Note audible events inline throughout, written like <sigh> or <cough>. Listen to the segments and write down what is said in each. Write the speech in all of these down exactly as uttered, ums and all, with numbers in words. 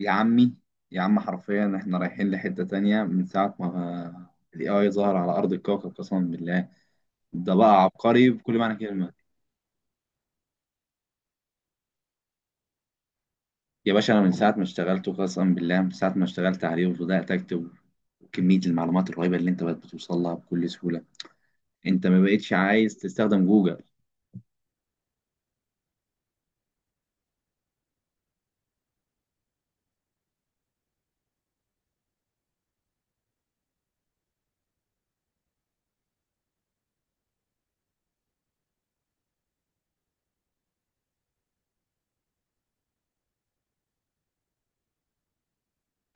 يا عمي، يا عم حرفيا احنا رايحين لحتة تانية من ساعة ما ال إيه آي ظهر على أرض الكوكب قسما بالله. ده بقى عبقري بكل معنى كلمة. يا باشا أنا من ساعة ما اشتغلته قسما بالله، من ساعة ما اشتغلت عليه وبدأت أكتب وكمية المعلومات الرهيبة اللي أنت بقت بتوصل لها بكل سهولة، أنت ما بقتش عايز تستخدم جوجل.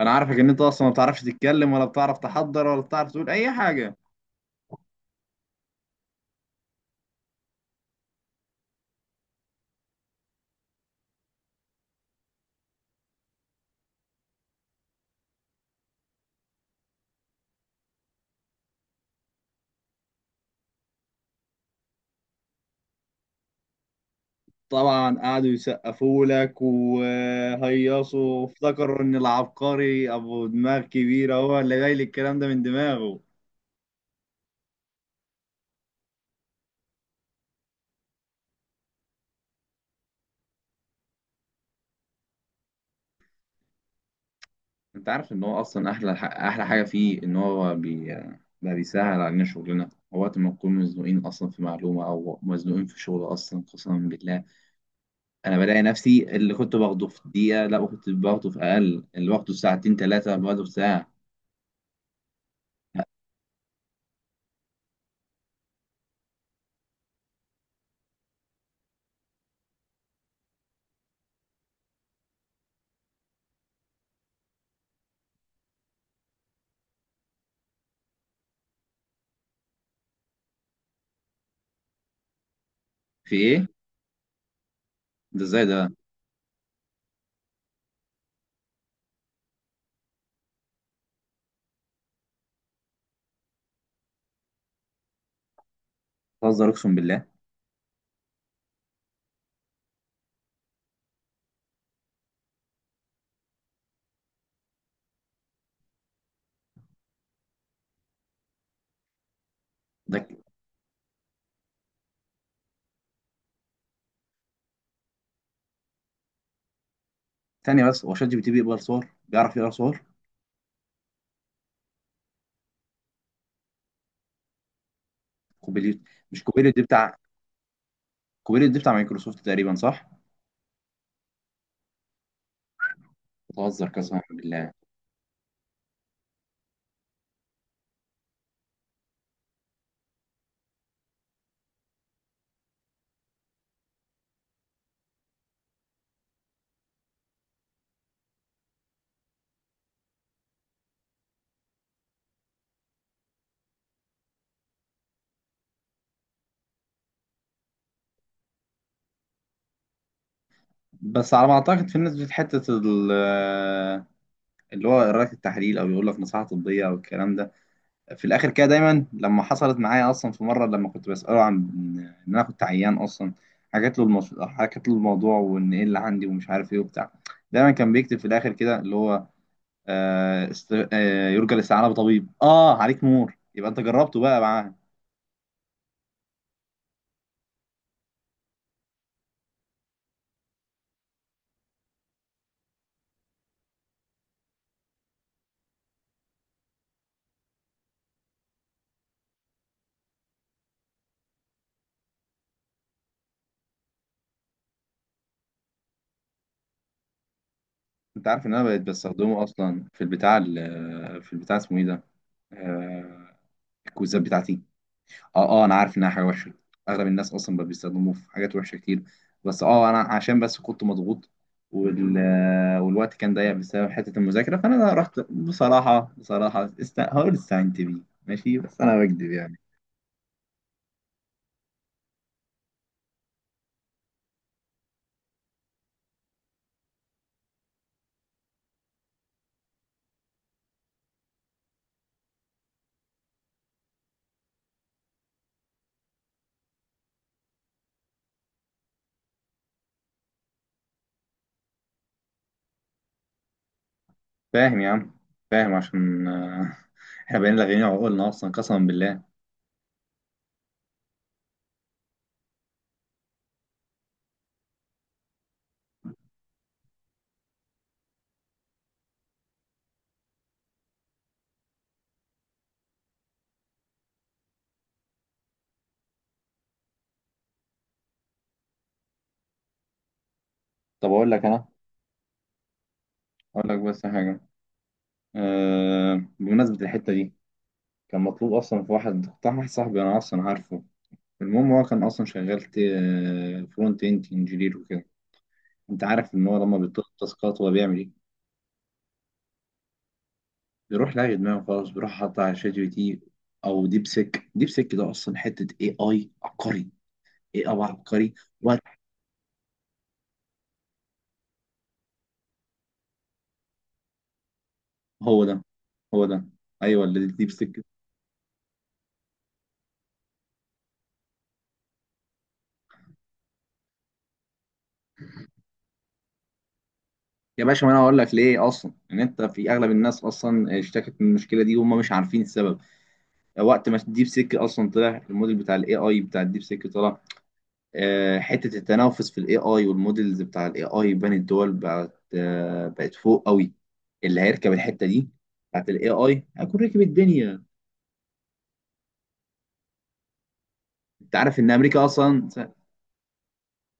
أنا عارفك إن أنت أصلا ما بتعرفش تتكلم ولا بتعرف تحضر ولا بتعرف تقول أي حاجة. طبعا قعدوا يسقفوا لك وهيصوا وافتكروا ان العبقري ابو دماغ كبيره هو اللي جاي لي الكلام ده من دماغه. انت عارف ان هو اصلا احلى ح- احلى حاجه فيه ان هو بي... بقى بيسهل علينا شغلنا وقت ما نكون مزنوقين اصلا في معلومه او مزنوقين في شغل اصلا قسما بالله. انا بلاقي نفسي اللي كنت باخده في دقيقه، لا كنت باخده في اقل، اللي باخده في ساعتين ثلاثه باخده في ساعه. في ايه؟ ده ازاي ده؟ بتهزر اقسم بالله. ده ك- ثانيه بس، هو شات جي بي تي بيقبل صور، بيعرف يقرا صور؟ كوبيليت، مش كوبيليت دي بتاع، كوبيليت دي بتاع مايكروسوفت تقريبا صح؟ بتهزر قسما بالله. بس على ما اعتقد في ناس في حته ال- اللي هو قراءة التحليل او يقول لك نصيحه طبيه او الكلام ده، في الاخر كده دايما، لما حصلت معايا اصلا في مره لما كنت بساله عن ان انا كنت عيان اصلا، حكيت له المش... حكيت له الموضوع وان ايه اللي عندي ومش عارف ايه وبتاع، دايما كان بيكتب في الاخر كده اللي هو آه است... آه، يرجى الاستعانه بطبيب. اه عليك نور، يبقى انت جربته بقى معاه. انت عارف ان انا بقيت بستخدمه اصلا في البتاع ال- في البتاع اسمه ايه ده، آه، الكويزات بتاعتي. اه اه انا عارف انها حاجه وحشه، اغلب الناس اصلا بقى بيستخدموه في حاجات وحشه كتير، بس اه انا عشان بس كنت مضغوط وال... آه، والوقت كان ضيق بسبب حته المذاكره، فانا رحت بصراحه بصراحه است... هقول استعنت بيه. ماشي بس انا بكذب يعني. فاهم يا عم، فاهم عشان آه، <laughs> احنا بقينا لاغيين عقولنا اصلا قسما بالله. طب اقول لك انا، اقول لك بس حاجه. أه... بمناسبه الحته دي، كان مطلوب اصلا في واحد بتاع، واحد صاحبي انا اصلا عارفه، المهم هو كان اصلا شغال فرونت اند انجينير وكده. انت عارف ان هو لما بيطلب تاسكات هو بيعمل ايه؟ بيروح لاقي دماغه خالص، بيروح حاطط على شات جي بي تي او ديب سيك. ديب سيك ده اصلا حته اي اي عبقري، اي اي عبقري. وات- هو ده، هو ده، ايوه اللي ديب سيك. يا باشا ما انا هقول لك ليه اصلا، ان انت في اغلب الناس اصلا اشتكت من المشكله دي وهم مش عارفين السبب. وقت ما الديب سيك اصلا طلع، الموديل بتاع الاي اي بتاع الديب سيك طلع، آه، حتة التنافس في الاي اي والمودلز بتاع الاي اي بين الدول بقت، آه، بقت فوق قوي. اللي هيركب الحتة دي بتاعت الاي اي هيكون ركب الدنيا. انت عارف ان امريكا اصلا،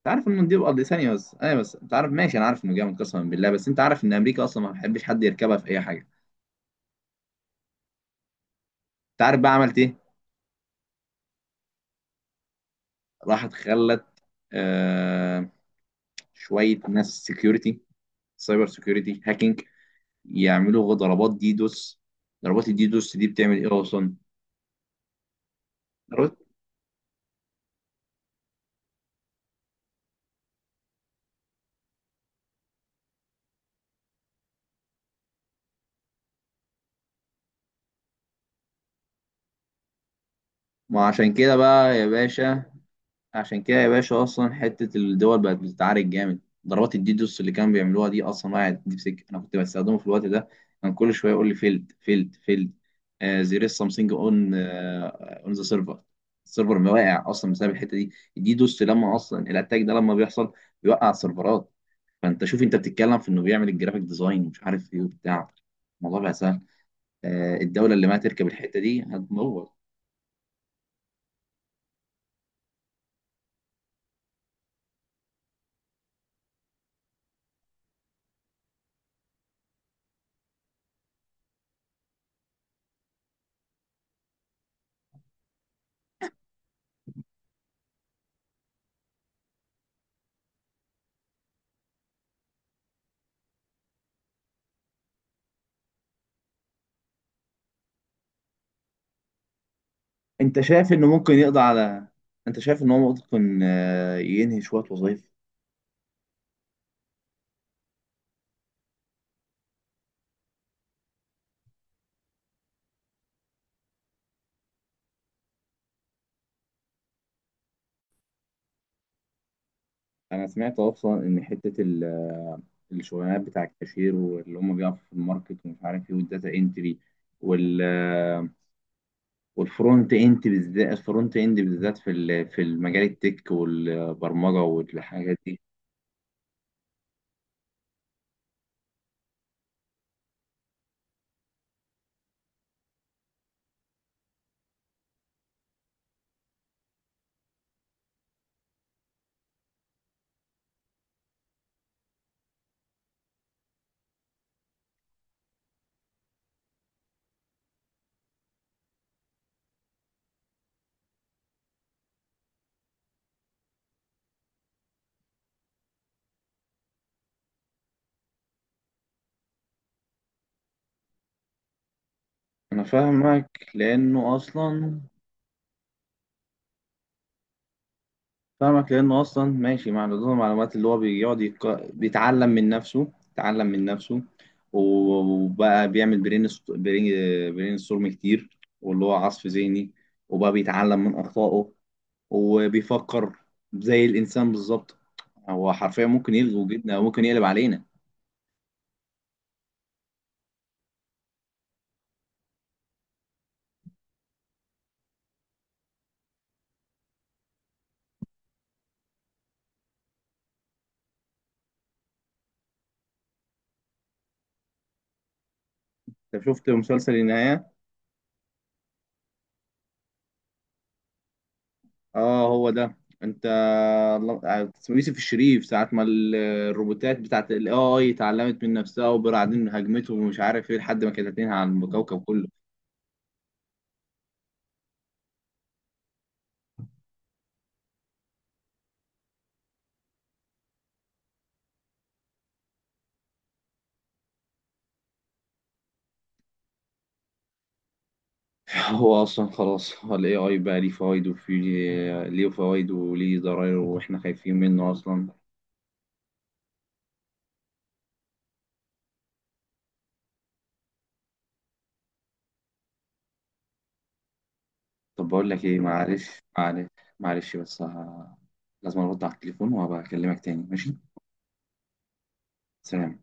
انت عارف ان دي بقى ثانية بس، ايوه بس انت عارف، ماشي انا عارف انه جامد قسما بالله، بس انت عارف ان امريكا اصلا ما بتحبش حد يركبها في اي حاجة. انت عارف بقى عملت ايه؟ راحت خلت آه شوية ناس سكيورتي، سايبر سكيورتي، هاكينج، يعملوا ضربات ديدوس. ضربات الديدوس دي بتعمل ايه اصلا؟ ما عشان كده بقى يا باشا، عشان كده يا باشا اصلا حته الدول بقت بتتعارك جامد. ضربات الديدوس اللي كانوا بيعملوها دي اصلا وقعت، دي في سكه انا كنت بستخدمه في الوقت ده، كان كل شويه يقول لي فيلد فيلد فيلد، زير سامثينج اون، اون ذا سيرفر. السيرفر ما واقع اصلا بسبب الحته دي، الديدوس. لما اصلا الاتاك ده لما بيحصل بيوقع السيرفرات. فانت شوف انت بتتكلم في انه بيعمل الجرافيك ديزاين ومش عارف ايه وبتاع، الموضوع بقى سهل. آه، الدوله اللي ما تركب الحته دي هتموت. انت شايف انه ممكن يقضي على، انت شايف ان هو ممكن آه، ينهي شويه وظائف؟ انا سمعت اصلا ان حته ال- آه، الشغلانات بتاع الكاشير واللي هم بيقفوا في الماركت ومش عارف ايه، والداتا انتري، وال آه، والفرونت اند بالذات، الفرونت اند بالذات في ال- في المجال التك والبرمجه والحاجات دي. انا فاهمك لانه اصلا، فاهمك لأنه أصلا ماشي مع نضوج المعلومات، اللي هو بيقعد يق... بيتعلم من نفسه، اتعلم من نفسه، وبقى بيعمل برين ست- برين برين ستورم كتير، واللي هو عصف ذهني، وبقى بيتعلم من أخطائه وبيفكر زي الإنسان بالظبط. هو حرفيا ممكن يلغي وجودنا وممكن يقلب علينا. أنت شفت مسلسل النهاية؟ اه هو ده. انت، الله- اسمه يوسف الشريف، ساعة ما ال- الروبوتات بتاعت الاي اي اتعلمت من نفسها وبعدين هجمته ومش عارف ايه لحد ما كانت هتنهي على الكوكب كله. <laughs> هو اصلا خلاص الاي اي بقى ليه فوائد، وفي ليه فوائد وليه ضرائب، واحنا خايفين منه اصلا. طب بقول لك ايه معلش، معلش، معلش بس ه- لازم ارد على التليفون وهبقى اكلمك تاني ماشي. سلام.